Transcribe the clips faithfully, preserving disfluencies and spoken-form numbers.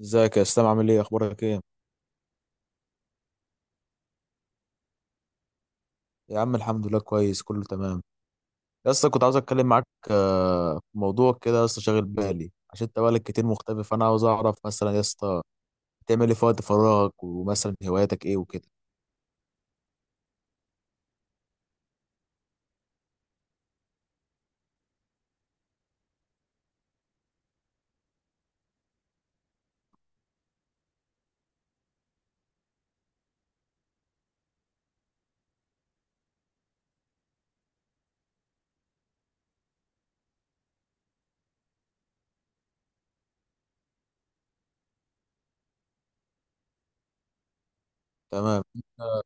ازيك يا اسلام، عامل ايه؟ اخبارك ايه؟ يا عم الحمد لله كويس، كله تمام. يا اسطى كنت عاوز اتكلم معاك. آه، في موضوع كده يا اسطى شاغل بالي، عشان انت بقالك كتير مختفي، فانا عاوز اعرف مثلا يا اسطى بتعمل ايه في وقت فراغك، ومثلا هواياتك ايه وكده. تمام. آه،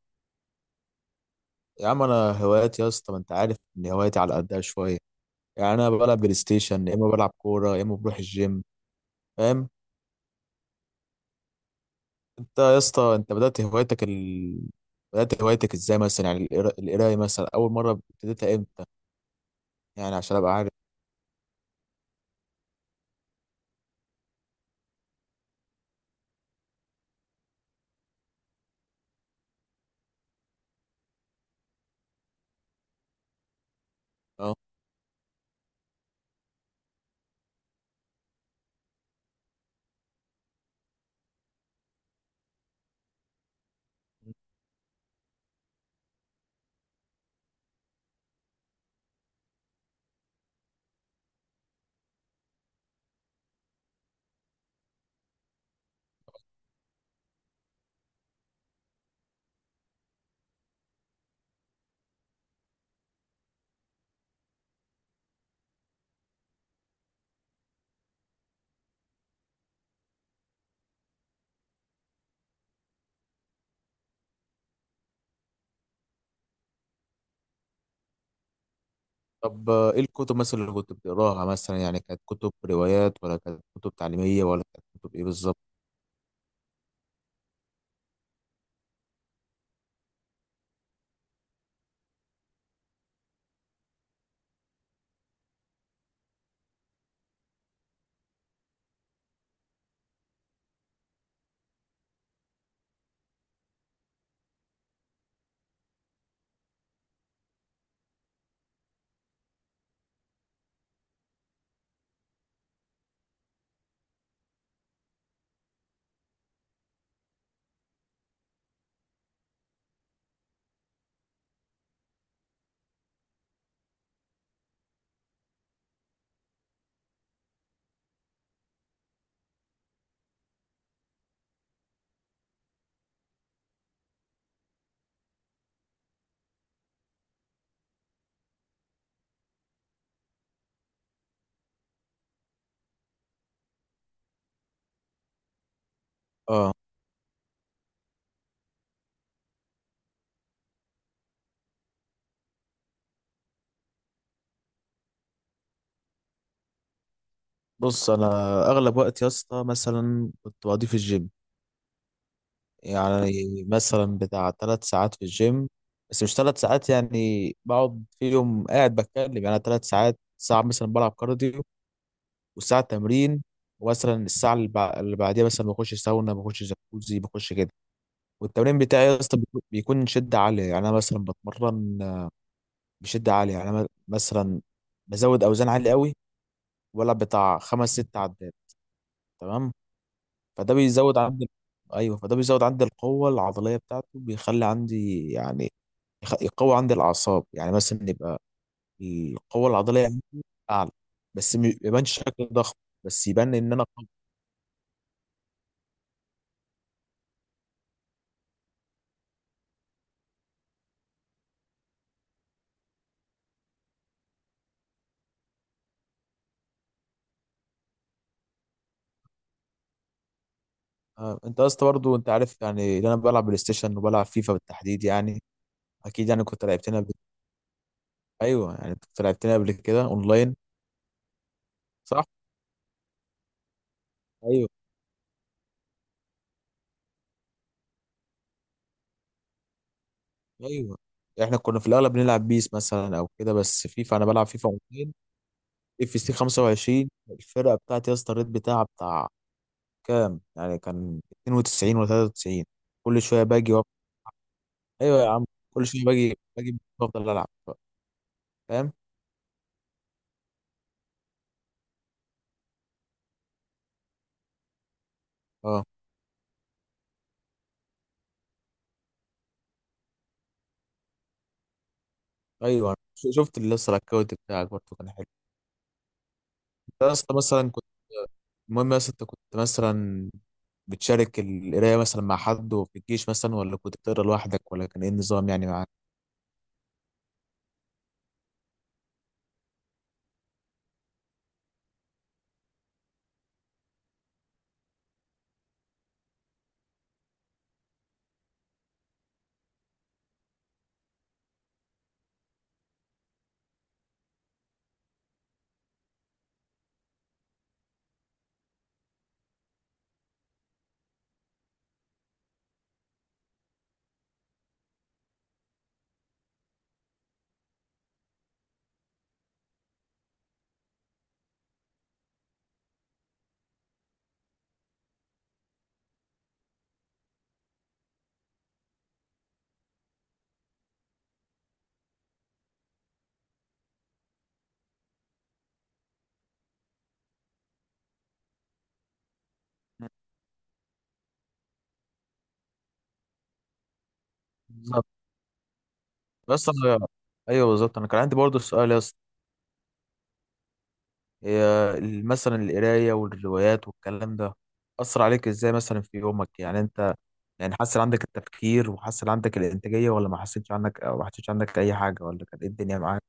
يا عم انا هواياتي يا اسطى، ما انت عارف ان هواياتي على قدها شويه. يعني انا بلعب بلاي ستيشن، يا اما بلعب كوره، يا اما بروح الجيم. فاهم. انت يا اسطى، انت بدأت هوايتك ال... بدأت هوايتك ازاي مثلا؟ يعني القرا- القرايه مثلا اول مره ابتديتها امتى؟ يعني عشان ابقى عارف. اه. طب آه، ايه الكتب مثلا اللي كنت بتقراها؟ مثلا يعني كانت كتب روايات، ولا كانت كتب تعليمية، ولا كانت كتب ايه بالظبط؟ اه، بص انا اغلب وقت يا اسطى مثلا كنت بقضيه في الجيم. يعني مثلا بتاع ثلاث ساعات في الجيم، بس مش ثلاث ساعات يعني بقعد فيهم قاعد بتكلم. يعني ثلاث ساعات، ساعة مثلا بلعب كارديو، وساعة تمرين، ومثلا الساعة اللي بع- اللي بعديها مثلا بخش ساونا، بخش جاكوزي، بخش كده. والتمرين بتاعي يا اسطى بيكون بيكون شدة عالية. يعني انا مثلا بتمرن بشده عاليه. يعني انا مثلا بزود اوزان عاليه قوي، ولا بتاع خمس ست عدات. تمام. فده بيزود عندي، ايوه فده بيزود عندي القوه العضليه بتاعته، بيخلي عندي يعني يخ- يقوي عندي الاعصاب. يعني مثلا يبقى القوه العضليه عندي اعلى، بس ما يبانش شكل ضخم، بس يبان ان انا قوي. آه، انت اصلا برضو انت عارف يعني إن انا بلعب بلاي ستيشن وبلعب فيفا بالتحديد يعني. اكيد يعني كنت لعبتنا قبل. ايوه يعني كنت لعبتنا قبل كده اونلاين. صح. ايوه. ايوه. احنا كنا في الاغلب بنلعب بيس مثلا او كده، بس فيفا انا بلعب فيفا ميتين اف سي خمسة وعشرين. الفرقه بتاعتي يا اسطى الريت بتاعها بتاع كام؟ يعني كان اتنين وتسعين ولا تلاتة وتسعين. كل شويه باجي وأب... ايوه يا عم، كل شويه باجي باجي بفضل العب. فاهم. اه. ايوه ش- شفت اللي لسه الاكونت بتاعك برضه كان حلو. انت يا اسطى مثلا كنت، المهم يا اسطى انت كنت مثلا بتشارك القرايه مثلا مع حد في الجيش، مثلا ولا كنت بتقرا لوحدك، ولا كان ايه النظام يعني معاك؟ بس انا، ايوه بالظبط انا كان عندي برضه سؤال يا اسطى. هي ال- مثلا القرايه والروايات والكلام ده اثر عليك ازاي مثلا في يومك؟ يعني انت يعني حسن عندك التفكير وحسن عندك الانتاجيه، ولا ما حسيتش عندك، أو ما حسيتش عندك اي حاجه، ولا كانت إيه الدنيا معاك؟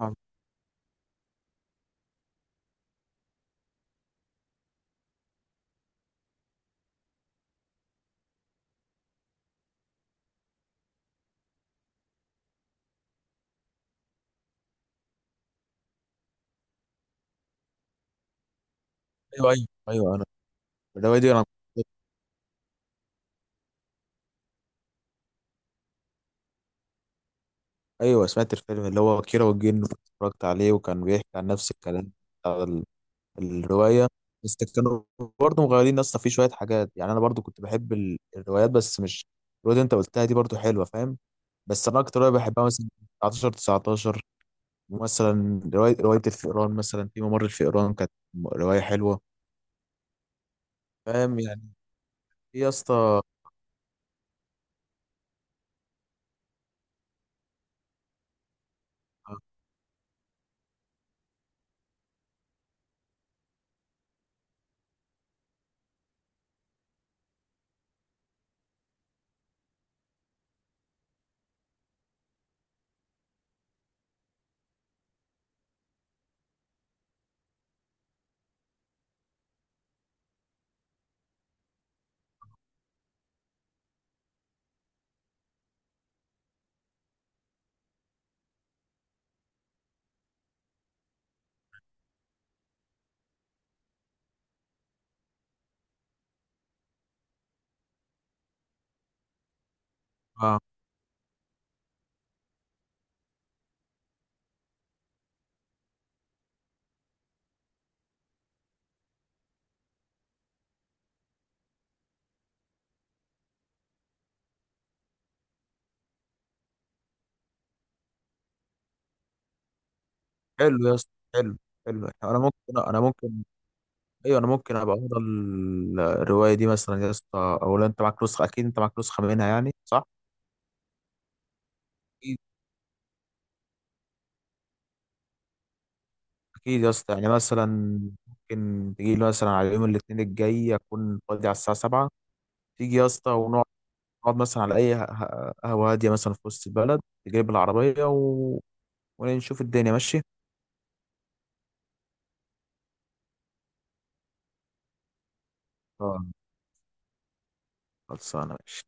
آه. ايوه، ايوه، ايوه انا، الروايه دي انا، ايوه سمعت الفيلم اللي هو كيرة والجن، اتفرجت عليه وكان بيحكي عن نفس الكلام بتاع الرواية. بس كانوا برضه مغيرين اصلا في شوية حاجات. يعني انا برضه كنت بحب ال- الروايات، بس مش الرواية اللي انت قلتها دي، برضه حلوة. فاهم. بس انا اكتر رواية بحبها مثلا تسعة عشر تسعة عشر، مثلا رواية رواية الفئران، مثلا في ممر الفئران، كانت م- رواية حلوة. فاهم يعني. في يا اسطى، آه، حلو يا اسطى، حلو. حلو. انا ممكن انا ممكن، ايوه انا ممكن ابقى اقرا ال- الرواية دي مثلا يا اسطى. او لو انت معاك نسخة، اكيد انت معاك نسخة منها يعني، صح؟ اكيد يا اسطى، يعني مثلا ممكن تيجي لي مثلا على يوم الاثنين الجاي، اكون فاضي على الساعه سبعة، تيجي يا اسطى ونقعد، نقعد مثلا على اي ه- ه- قهوه هاديه مثلا في وسط البلد، تجيب العربيه و... ونشوف الدنيا، ماشي؟ آه. خلصانه، ماشي.